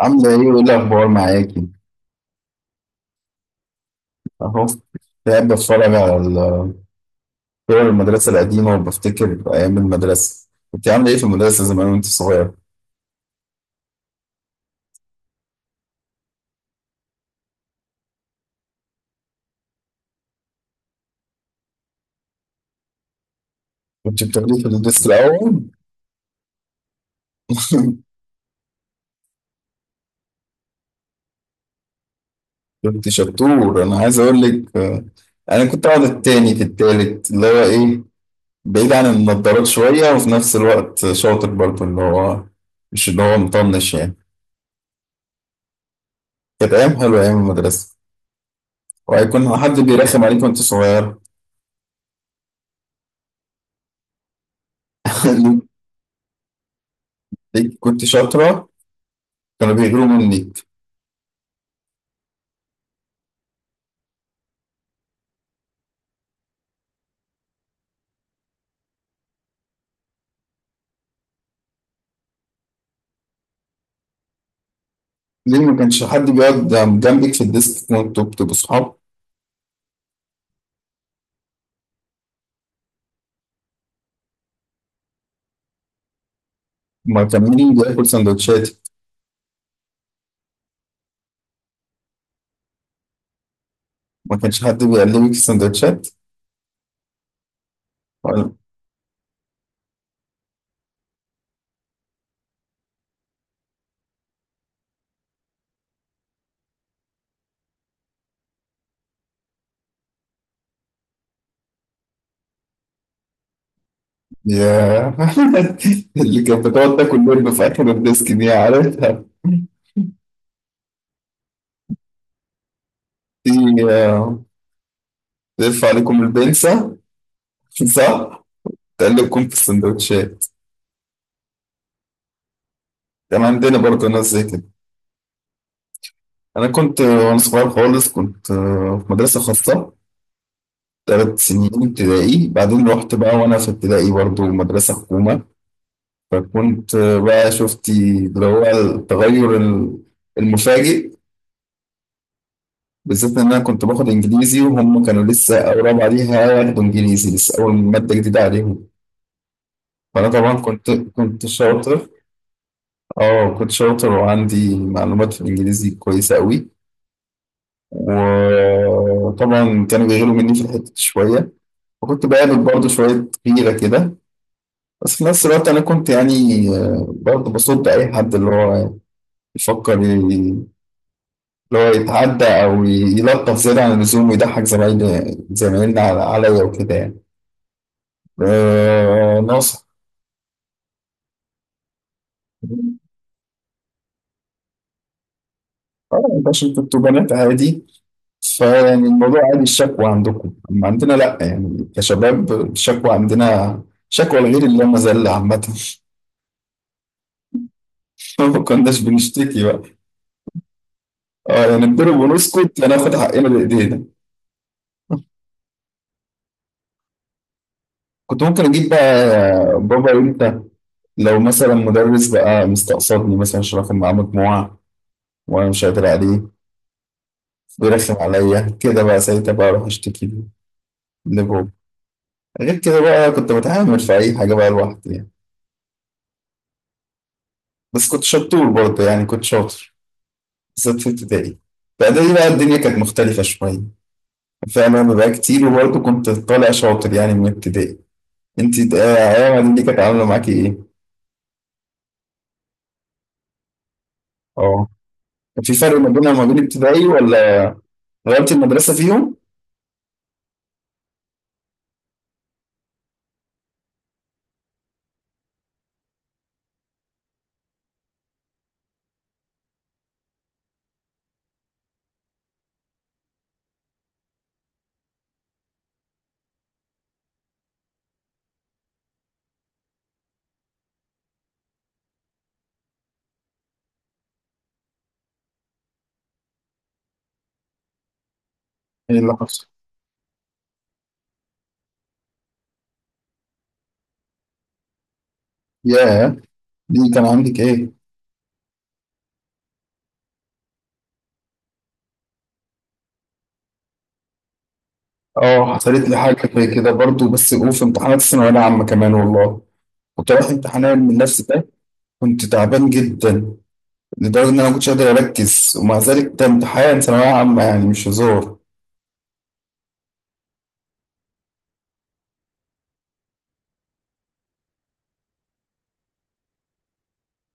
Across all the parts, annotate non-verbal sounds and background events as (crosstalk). عاملة إيه وإيه الأخبار معاكي؟ أهو، قاعد بتفرج على صور المدرسة القديمة وبفتكر أيام المدرسة، كنت عاملة إيه في المدرسة زمان وأنت صغير؟ كنت بتاخديه في الديسك الأول؟ (laughs) كنت شطور، أنا عايز أقول لك، أنا كنت أقعد التاني في التالت اللي هو إيه، بعيد عن النضارات شوية، وفي نفس الوقت شاطر برضه اللي هو مش اللي هو مطنش يعني. كانت أيام حلوة أيام المدرسة، وهيكون حد بيرخم عليك وأنت صغير؟ (laughs) كنت شاطرة، كانوا بيغيروا منك. ليه ما كانش حد بيقعد جنبك في الديسك وانتوا بتبقوا صحاب؟ ما كان مين بياكل سندوتشات؟ ما كانش حد بيقلبك في السندوتشات؟ ولا- يا، (laughs) اللي كانت بتقعد تاكل لب في اخر الديسك دي، عارفها؟ دي، آه، تلف عليكم البنسة، صح، تقلبكم في السندوتشات. كان عندنا برضه ناس زي كده. انا كنت وانا صغير خالص كنت في مدرسة خاصة 3 سنين ابتدائي، بعدين رحت بقى وانا في ابتدائي برضه مدرسة حكومة. فكنت بقى شفتي اللي هو التغير المفاجئ، بالذات ان انا كنت باخد انجليزي وهم كانوا لسه اول رابعه ليها ياخدوا انجليزي، لسه اول ماده جديده عليهم. فانا طبعا كنت شاطر. اه كنت شاطر وعندي معلومات في الانجليزي كويسه قوي. وطبعا كانوا بيغيروا مني في الحته دي شويه، وكنت بقابل برضه شويه غيره كده. بس في نفس الوقت انا كنت يعني، برضه بصد اي حد اللي هو يفكر لو يتعدى او يلطف زياده عن اللزوم ويضحك زمايلنا عليا وكده يعني. ناصح. اه، انت عشان كنتوا بنات عادي، فيعني الموضوع عادي الشكوى عندكم، اما عندنا لا يعني، كشباب الشكوى عندنا شكوى الغير اللي مذلة عامة. (laughs) ما كناش بنشتكي بقى. اه، يعني نضرب ونسكت، هناخد حقنا بايدينا. كنت ممكن اجيب بقى بابا امتى؟ لو مثلا مدرس بقى مستقصدني مثلا عشان اخد معاه مجموعة وانا مش قادر عليه، بيرخم عليا كده، بقى ساعتها بقى اروح اشتكي له، لبابا. غير كده بقى كنت بتعامل في اي حاجه بقى لوحدي يعني. بس كنت شطور برضه، يعني كنت شاطر، بالذات في ابتدائي. في اعدادي بقى الدنيا كانت مختلفه شويه فعلا بقى كتير، وبرضه كنت طالع شاطر يعني من ابتدائي. انت ايام اعدادي دي كانت عامله معاكي ايه؟ اه، كان في فرق ما بينها وما بين ابتدائي، ولا غيرت المدرسه فيهم؟ ايه اللي حصل؟ ياه، دي كان عندك ايه؟ اه، حصلت لي حاجة زي كده برضو، بس وفي امتحانات الثانوية العامة كمان والله. كنت رايح امتحانات من نفس ده، كنت تعبان جدا لدرجة إن أنا ما كنتش قادر أركز، ومع ذلك ده امتحان ثانوية عامة يعني مش هزار.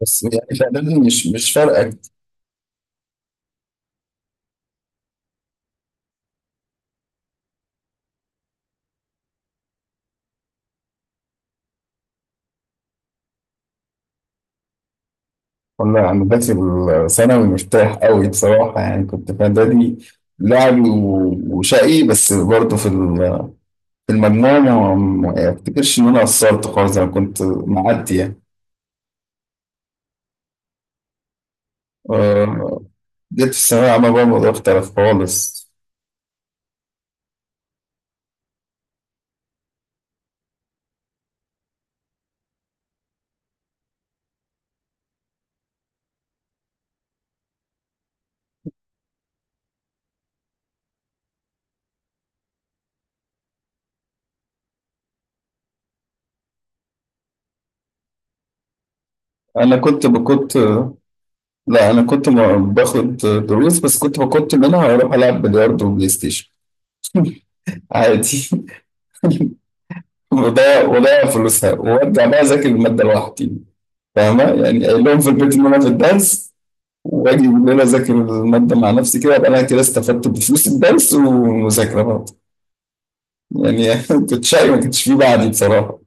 بس يعني في إعدادي مش فارقة. ولا أنا داخل ثانوي مرتاح قوي بصراحة، يعني كنت في إعدادي لعب وشقي، بس برضو في المجموع ما أفتكرش إن أنا قصرت خالص، أنا كنت معدي يعني. آه، جيت في الثانوية العامة بقى الموضوع اختلف خالص. أنا كنت بكنت لا أنا كنت باخد دروس، بس كنت منها أروح ألعب بلياردو وبلاي ستيشن عادي. (laughs) وضيع وضيع فلوسها، وأرجع بقى أذاكر المادة لوحدي. فاهمة يعني؟ قايل لهم في البيت إن أنا في الدرس، وأجي بالليل أذاكر المادة مع نفسي كده. أبقى أنا كده استفدت بفلوس الدرس والمذاكرة برضه يعني. (laughs) كنت شقي، ما كنتش فيه بعدي بصراحة.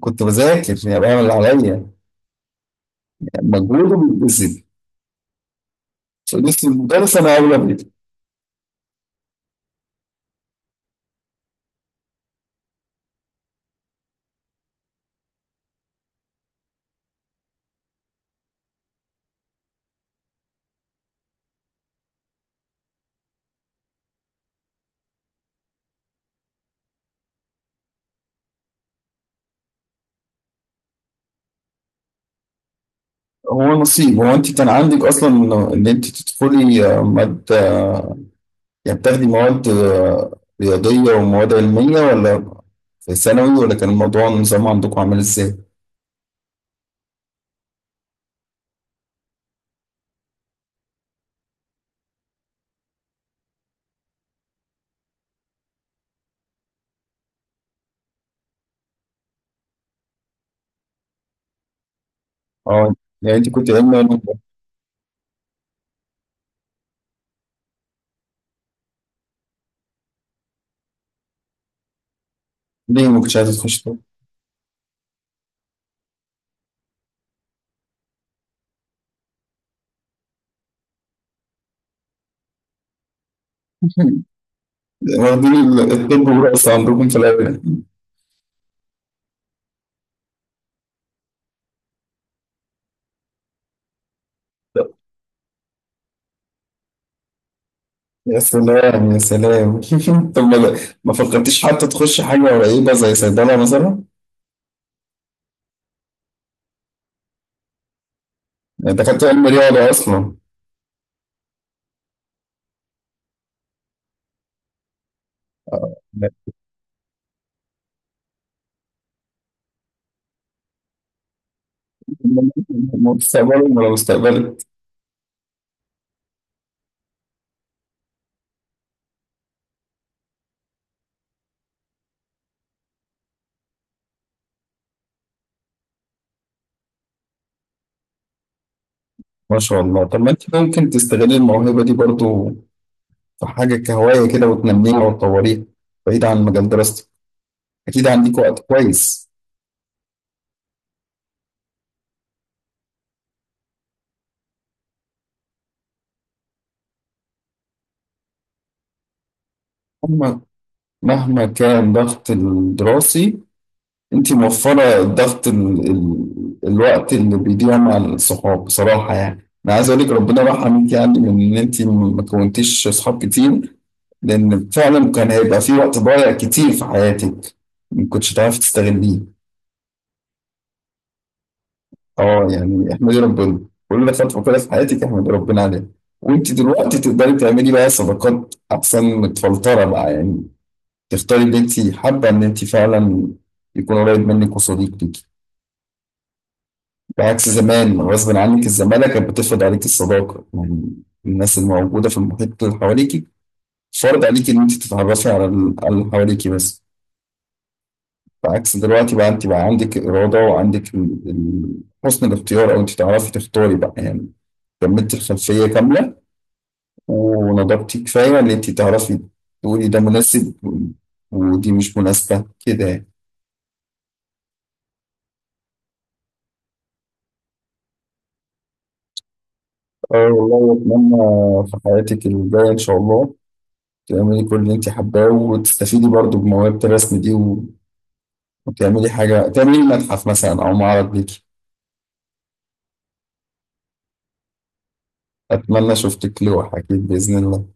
كنت بذاكر، يعني بعمل اللي عليا، يعني مجهود وبيتبسط. بس المدرس انا اولى بيه. هو نصيب. هو انت كان عندك اصلا ان انت تدخلي، ماده، يعني بتاخدي مواد رياضيه ومواد علميه، ولا في ثانوي، ولا كان الموضوع النظام عندكم عامل ازاي؟ اه، يعني انت كنت علمي علوم. ليه ما كنتش عايزه تخش طب؟ واخدين الطب والرقص عندكم في الاول. يا سلام يا سلام. (laughs) طب، ما فكرتيش حتى تخش حاجه قريبه زي صيدله مثلا؟ يعني دخلت علم رياضه اصلا؟ مستقبلهم ولو استقبلت. ما شاء الله. طب، ما انت ممكن تستغل الموهبة دي برضو في حاجة كهواية كده، وتنميها وتطوريها، بعيد عن مجال دراستك. أكيد عندك وقت كويس. مهما مهما كان ضغط الدراسي، انتي موفرة ضغط الوقت اللي بيضيع مع الصحاب. بصراحة يعني انا عايز اقول لك ربنا رحمك، يعني من ان انتي ما كونتيش صحاب كتير، لان فعلا كان هيبقى في وقت ضايع كتير في حياتك ما كنتش تعرفي تستغليه. اه، يعني احمدي ربنا كل خطوة كده في حياتك، احمدي ربنا عليها. وانت دلوقتي تقدري تعملي بقى صداقات احسن متفلترة بقى يعني، تختاري اللي انت حابة ان انت فعلا يكون قريب منك وصديق ليكي. بعكس زمان، غصب عنك الزمالة كانت بتفرض عليك الصداقة، يعني الناس الموجودة في المحيط اللي حواليك فرض عليك إن أنت تتعرفي على على اللي حواليك بس. بعكس دلوقتي بقى أنت بقى عندك إرادة، وعندك حسن الاختيار، أو أنت تعرفي تختاري بقى يعني. كملت الخلفية كاملة، ونضجتي كفاية إن أنت تعرفي تقولي ده مناسب ودي مش مناسبة كده يعني. اه والله أتمنى في حياتك الجاية إن شاء الله تعملي كل اللي انت حباه، وتستفيدي برضو بموهبة الرسم دي وتعملي حاجة، تعملي متحف مثلا أو معرض ليكي. أتمنى شفتك لوحة أكيد بإذن الله